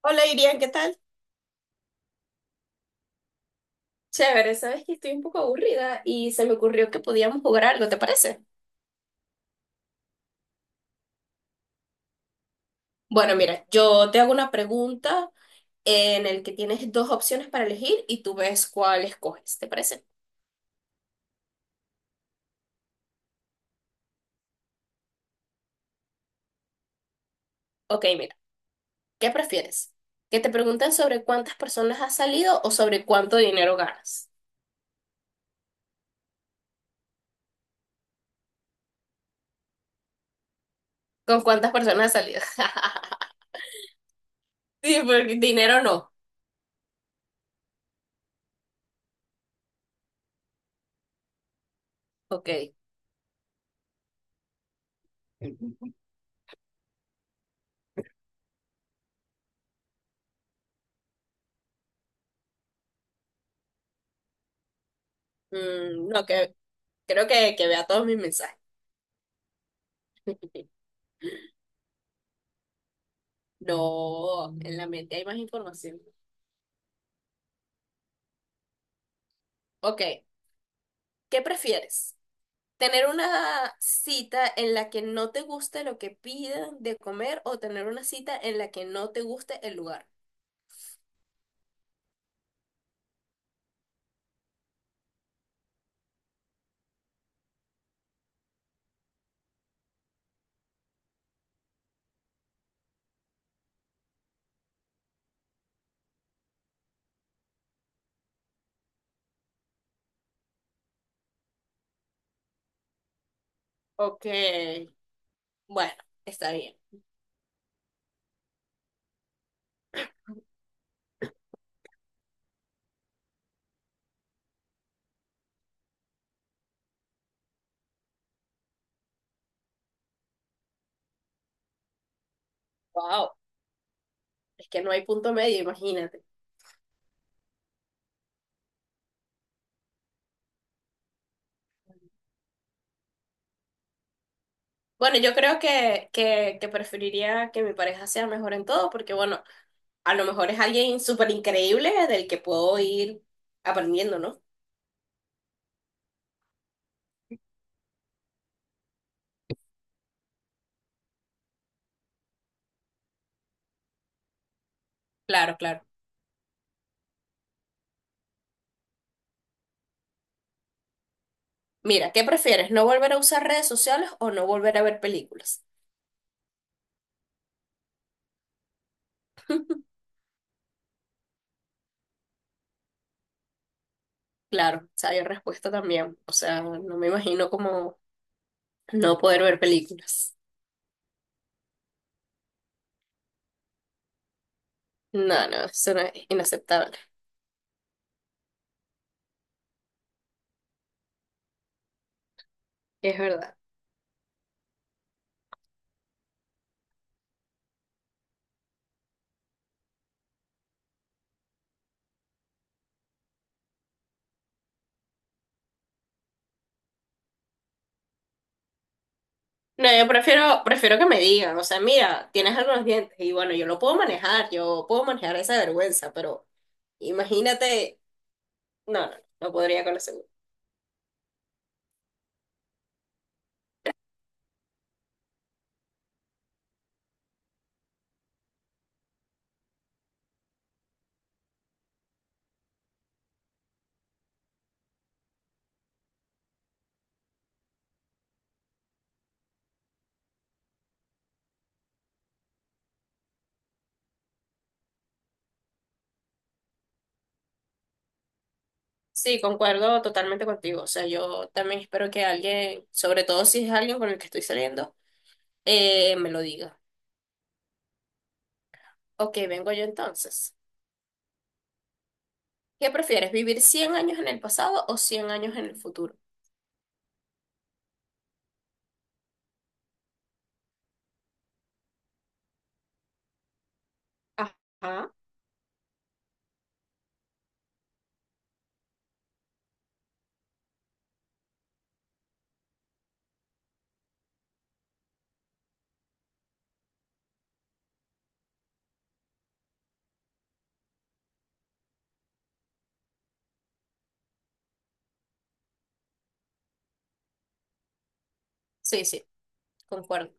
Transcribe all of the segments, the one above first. Hola, Irian, ¿qué tal? Chévere, sabes que estoy un poco aburrida y se me ocurrió que podíamos jugar algo, ¿te parece? Bueno, mira, yo te hago una pregunta en el que tienes dos opciones para elegir y tú ves cuál escoges, ¿te parece? Ok, mira, ¿qué prefieres? ¿Que te pregunten sobre cuántas personas has salido o sobre cuánto dinero ganas? ¿Con cuántas personas has salido? Sí, porque dinero no. Ok. Mm, no, que creo que vea todos mis mensajes. No, en la mente hay más información. Ok. ¿Qué prefieres? ¿Tener una cita en la que no te guste lo que pidan de comer o tener una cita en la que no te guste el lugar? Ok, bueno, está bien. Wow, es que no hay punto medio, imagínate. Bueno, yo creo que preferiría que mi pareja sea mejor en todo, porque bueno, a lo mejor es alguien súper increíble del que puedo ir aprendiendo, ¿no? Claro, claro. Mira, ¿qué prefieres? ¿No volver a usar redes sociales o no volver a ver películas? Claro, o sea, hay respuesta también. O sea, no me imagino como no poder ver películas. No, no, eso no es inaceptable. Es verdad. No, yo prefiero, prefiero que me digan, o sea, mira, tienes algunos dientes y bueno, yo lo puedo manejar, yo puedo manejar esa vergüenza, pero imagínate, no, no, no podría con la segunda. Sí, concuerdo totalmente contigo. O sea, yo también espero que alguien, sobre todo si es alguien con el que estoy saliendo, me lo diga. Ok, vengo yo entonces. ¿Qué prefieres, vivir 100 años en el pasado o 100 años en el futuro? Ajá. Sí, sí, concuerdo.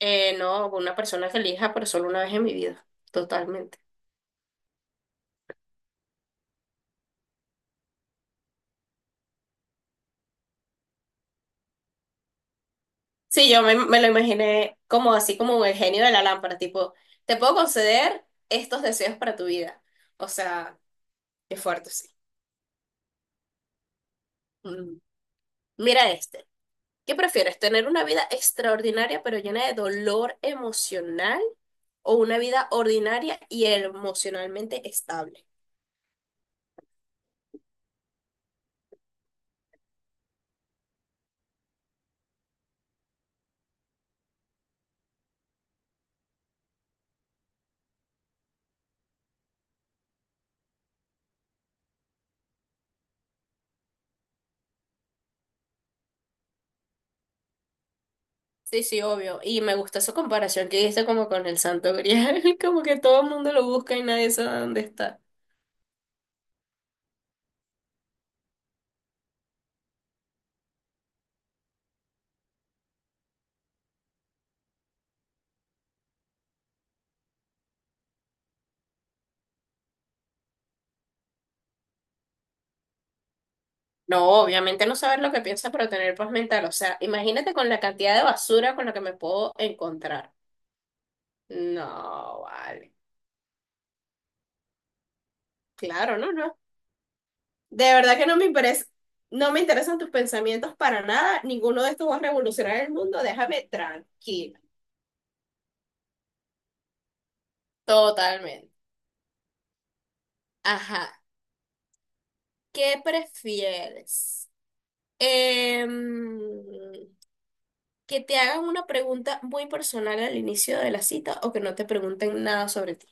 No, una persona que elija, pero solo una vez en mi vida, totalmente. Sí, me lo imaginé como así como el genio de la lámpara, tipo, te puedo conceder estos deseos para tu vida. O sea, qué fuerte, sí. Mm. Mira este. ¿Qué prefieres, tener una vida extraordinaria pero llena de dolor emocional o una vida ordinaria y emocionalmente estable? Sí, sí, obvio. Y me gusta esa comparación que hiciste como con el Santo Grial, como que todo el mundo lo busca y nadie sabe dónde está. No, obviamente no saber lo que piensa, pero tener paz mental. O sea, imagínate con la cantidad de basura con la que me puedo encontrar. No, vale. Claro, no, no. De verdad que no me interesa, no me interesan tus pensamientos para nada. Ninguno de estos va a revolucionar el mundo. Déjame tranquilo. Totalmente. Ajá. ¿Qué prefieres? Em, ¿Que te hagan una pregunta muy personal al inicio de la cita o que no te pregunten nada sobre ti?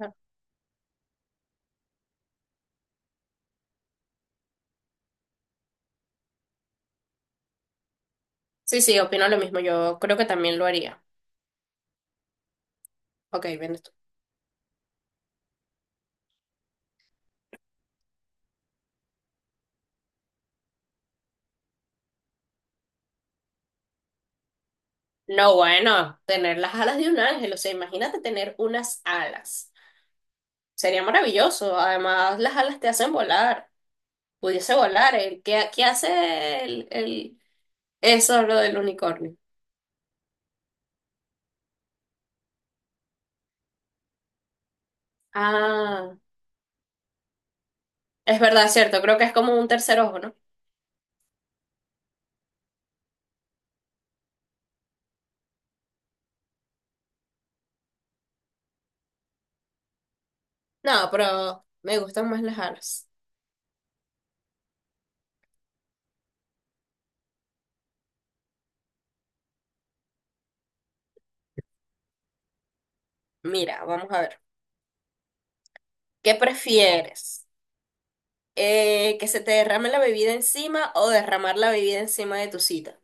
Ah. Sí, sí, opino lo mismo. Yo creo que también lo haría. Ok, bien tú. No, bueno, tener las alas de un ángel. O sea, imagínate tener unas alas. Sería maravilloso. Además, las alas te hacen volar. Pudiese volar. ¿Eh? ¿Qué, qué hace eso, lo del unicornio? Ah. Es verdad, es cierto. Creo que es como un tercer ojo, ¿no? No, pero me gustan más las alas. Mira, vamos a ver. ¿Qué prefieres? ¿Que se te derrame la bebida encima o derramar la bebida encima de tu cita?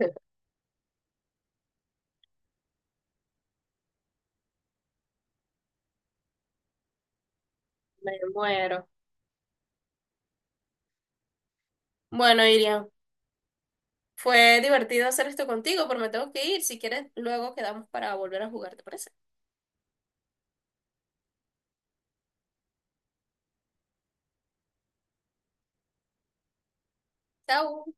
Me muero. Bueno, Irian, fue divertido hacer esto contigo, pero me tengo que ir. Si quieres, luego quedamos para volver a jugar, ¿te parece? Chao.